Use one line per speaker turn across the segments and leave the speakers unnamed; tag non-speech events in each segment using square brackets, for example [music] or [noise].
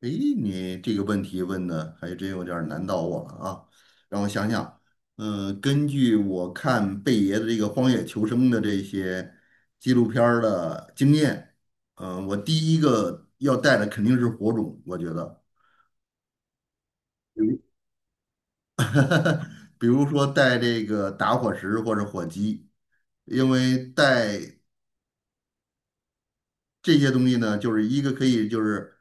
诶，你这个问题问的还真有点儿难倒我了啊！让我想想，根据我看贝爷的这个《荒野求生》的这些纪录片儿的经验，我第一个要带的肯定是火种，我觉得，[laughs] 比如说带这个打火石或者火机。因为带这些东西呢，就是一个可以就是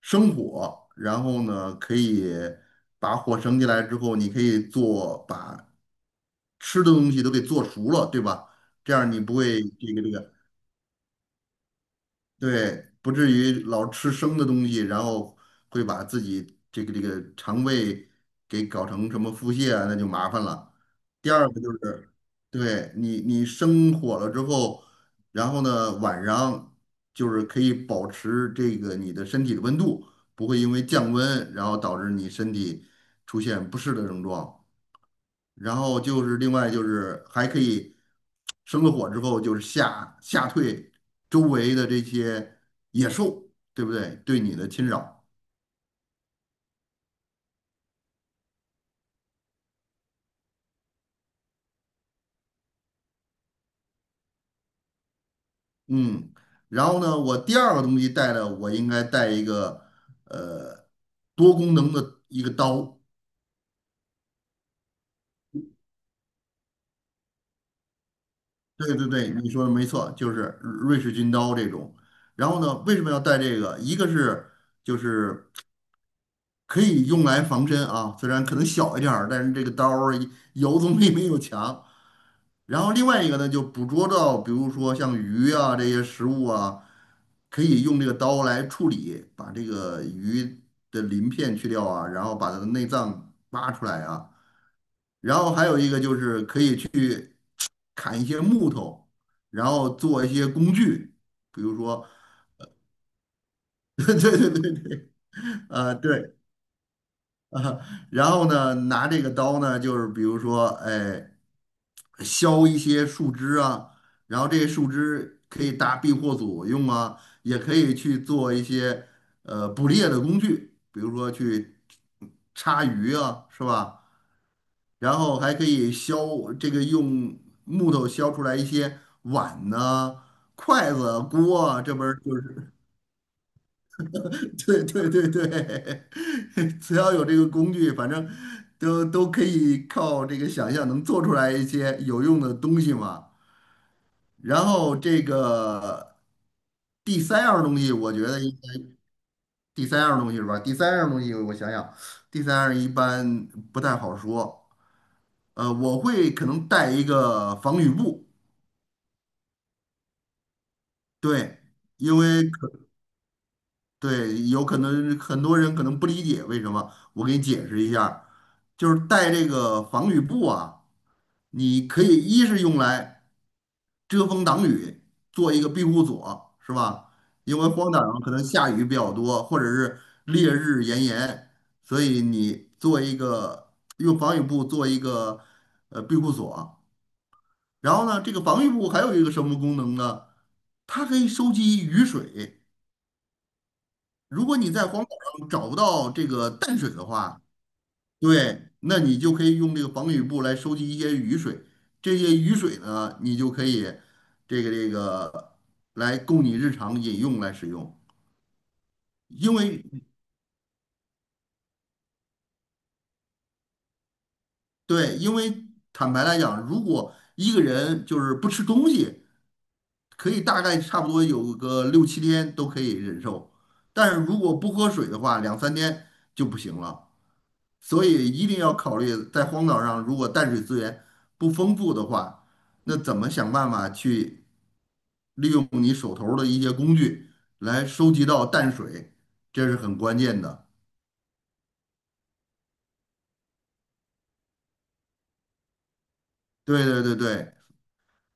生火，然后呢，可以把火升起来之后，你可以做把吃的东西都给做熟了，对吧？这样你不会,对，不至于老吃生的东西，然后会把自己这个肠胃给搞成什么腹泻啊，那就麻烦了。第二个就是，对，你生火了之后，然后呢晚上就是可以保持这个你的身体的温度，不会因为降温然后导致你身体出现不适的症状。然后就是另外就是还可以生了火之后就是吓退周围的这些野兽，对不对？对你的侵扰，嗯。然后呢，我第二个东西带的我应该带一个呃多功能的一个刀。对对对，你说的没错，就是瑞士军刀这种。然后呢，为什么要带这个？一个是就是可以用来防身啊，虽然可能小一点儿，但是这个刀儿有总比 [laughs] 没有强。然后另外一个呢，就捕捉到，比如说像鱼啊这些食物啊，可以用这个刀来处理，把这个鱼的鳞片去掉啊，然后把它的内脏挖出来啊。然后还有一个就是可以砍一些木头，然后做一些工具，比如说，[laughs] 对对对对，啊、对，[laughs] 然后呢，拿这个刀呢，就是比如说，哎，削一些树枝啊，然后这些树枝可以搭避祸所用啊，也可以去做一些捕猎的工具，比如说去叉鱼啊，是吧？然后还可以削这个用木头削出来一些碗呐、筷子、锅啊，这不是就是。[laughs] 对对对对，[laughs] 只要有这个工具，反正都可以靠这个想象能做出来一些有用的东西嘛。然后这个第三样东西，我觉得应该第三样东西是吧？第三样东西我想想，第三样一般不太好说。我会可能带一个防雨布，对，因为对，有可能很多人可能不理解为什么，我给你解释一下儿就是带这个防雨布啊，你可以一是用来遮风挡雨，做一个庇护所，是吧？因为荒岛上可能下雨比较多，或者是烈日炎炎，所以你做一个用防雨布做一个庇护所。然后呢，这个防雨布还有一个什么功能呢？它可以收集雨水。如果你在荒岛上找不到这个淡水的话，对，那你就可以用这个防雨布来收集一些雨水，这些雨水呢，你就可以这个这个来供你日常饮用来使用。因为对，因为坦白来讲，如果一个人就是不吃东西，可以大概差不多有个六七天都可以忍受，但是如果不喝水的话，两三天就不行了。所以一定要考虑，在荒岛上如果淡水资源不丰富的话，那怎么想办法去利用你手头儿的一些工具来收集到淡水，这是很关键的。对对对对，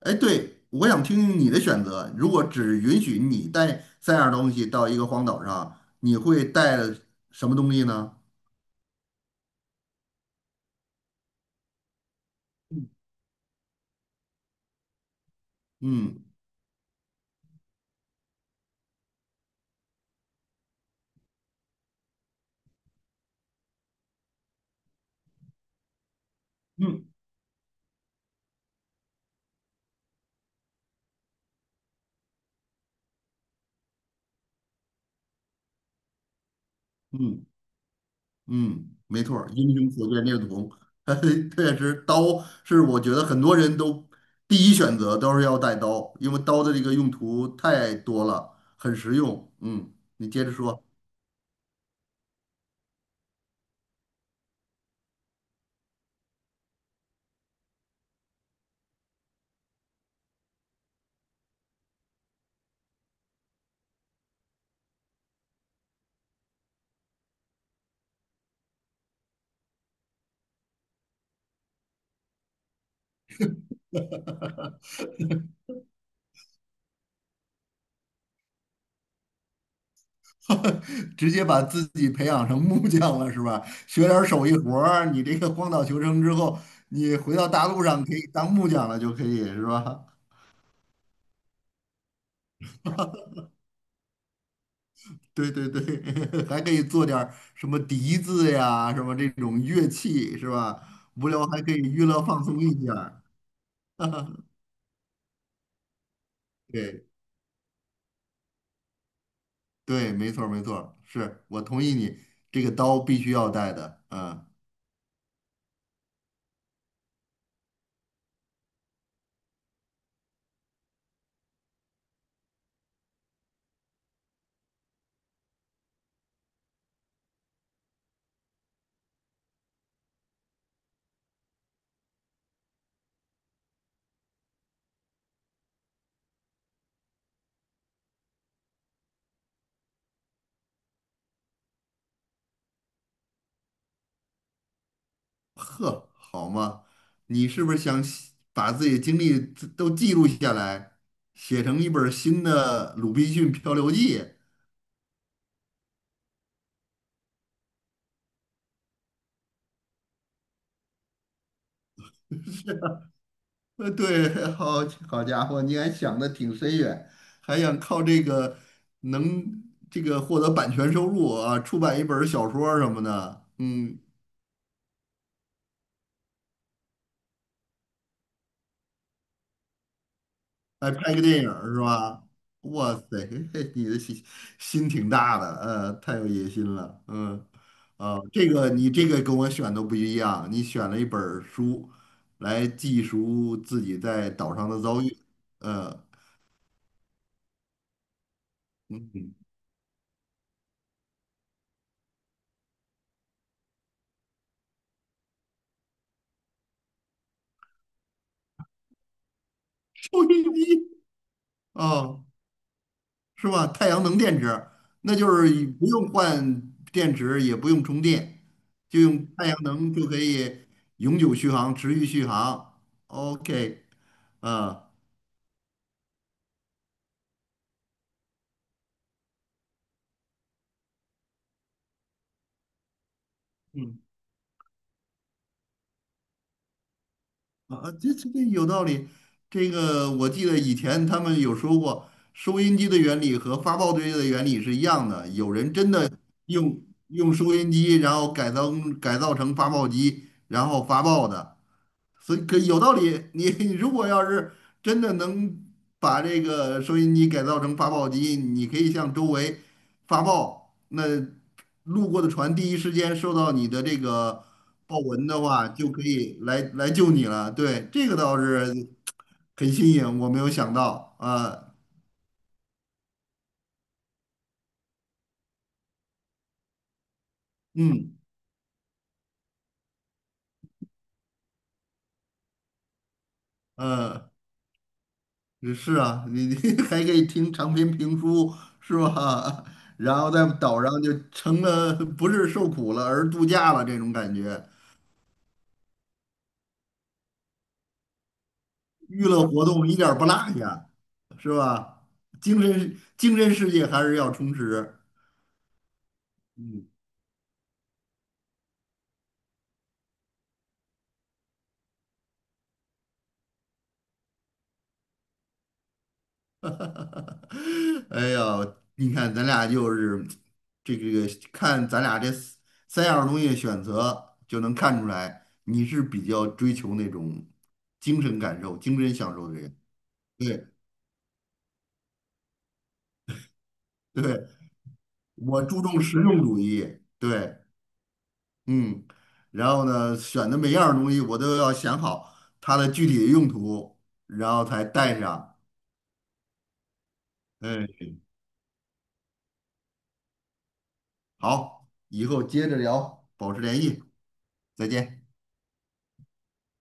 哎，对，我想听听你的选择。如果只允许你带三样东西到一个荒岛上，你会带什么东西呢？嗯嗯嗯。嗯，没错儿，英雄所见略同。[laughs] 确实，刀是我觉得很多人都第一选择都是要带刀，因为刀的这个用途太多了，很实用。嗯，你接着说，[laughs] 直接把自己培养成木匠了是吧？学点儿手艺活儿，你这个荒岛求生之后，你回到大陆上可以当木匠了，就可以是吧？对对对，[laughs] 还可以做点儿什么笛子呀，什么这种乐器是吧？无聊还可以娱乐放松一下儿。对对，没错儿没错儿是我同意你，这个刀必须要带的。嗯，呵，好嘛，你是不是想写把自己的经历都记录下来，写成一本儿新的《鲁滨逊漂流记》？对，好好家伙，你还想的挺深远，还想靠这个能这个获得版权收入啊，出版一本儿小说儿什么的，嗯，来拍个电影儿是吧？哇塞，嘿嘿你的心挺大的，太有野心了，嗯，啊，这个你这个跟我选的不一样，你选了一本儿书来记述自己在岛上的遭遇，呃，嗯，收益低哦。是吧？太阳能电池，那就是不用换电池，也不用充电，就用太阳能就可以永久续航、持续续航。OK,啊，嗯，啊，这有道理。这个我记得以前他们有说过，收音机的原理和发报机的原理是一样的。有人真的用用收音机，然后改造成发报机，然后发报的。所以可有道理。你你 [laughs] 如果要是真的能把这个收音机改造成发报机，你可以向周围发报，那路过的船第一时间收到你的这个报文的话，就可以来救你了。对，这个倒是很新颖，我没有想到啊。嗯呃。也是啊，你你 [laughs] 还可以听长篇评书是吧？[laughs] 然后在岛上就成了不是受苦了，而度假了这种感觉，娱乐活动一点儿不落下，是吧？精神世界还是要充实。嗯，[laughs] 哎呀，你看咱俩就是这个，看咱俩这三样东西选择，就能看出来你是比较追求那种精神感受、精神享受的人。对。对，我注重实用主义，对，嗯，然后呢，选的每样东西我都要想好它的具体的用途，然后才带上。嗯，好，以后接着聊，保持联系，再见。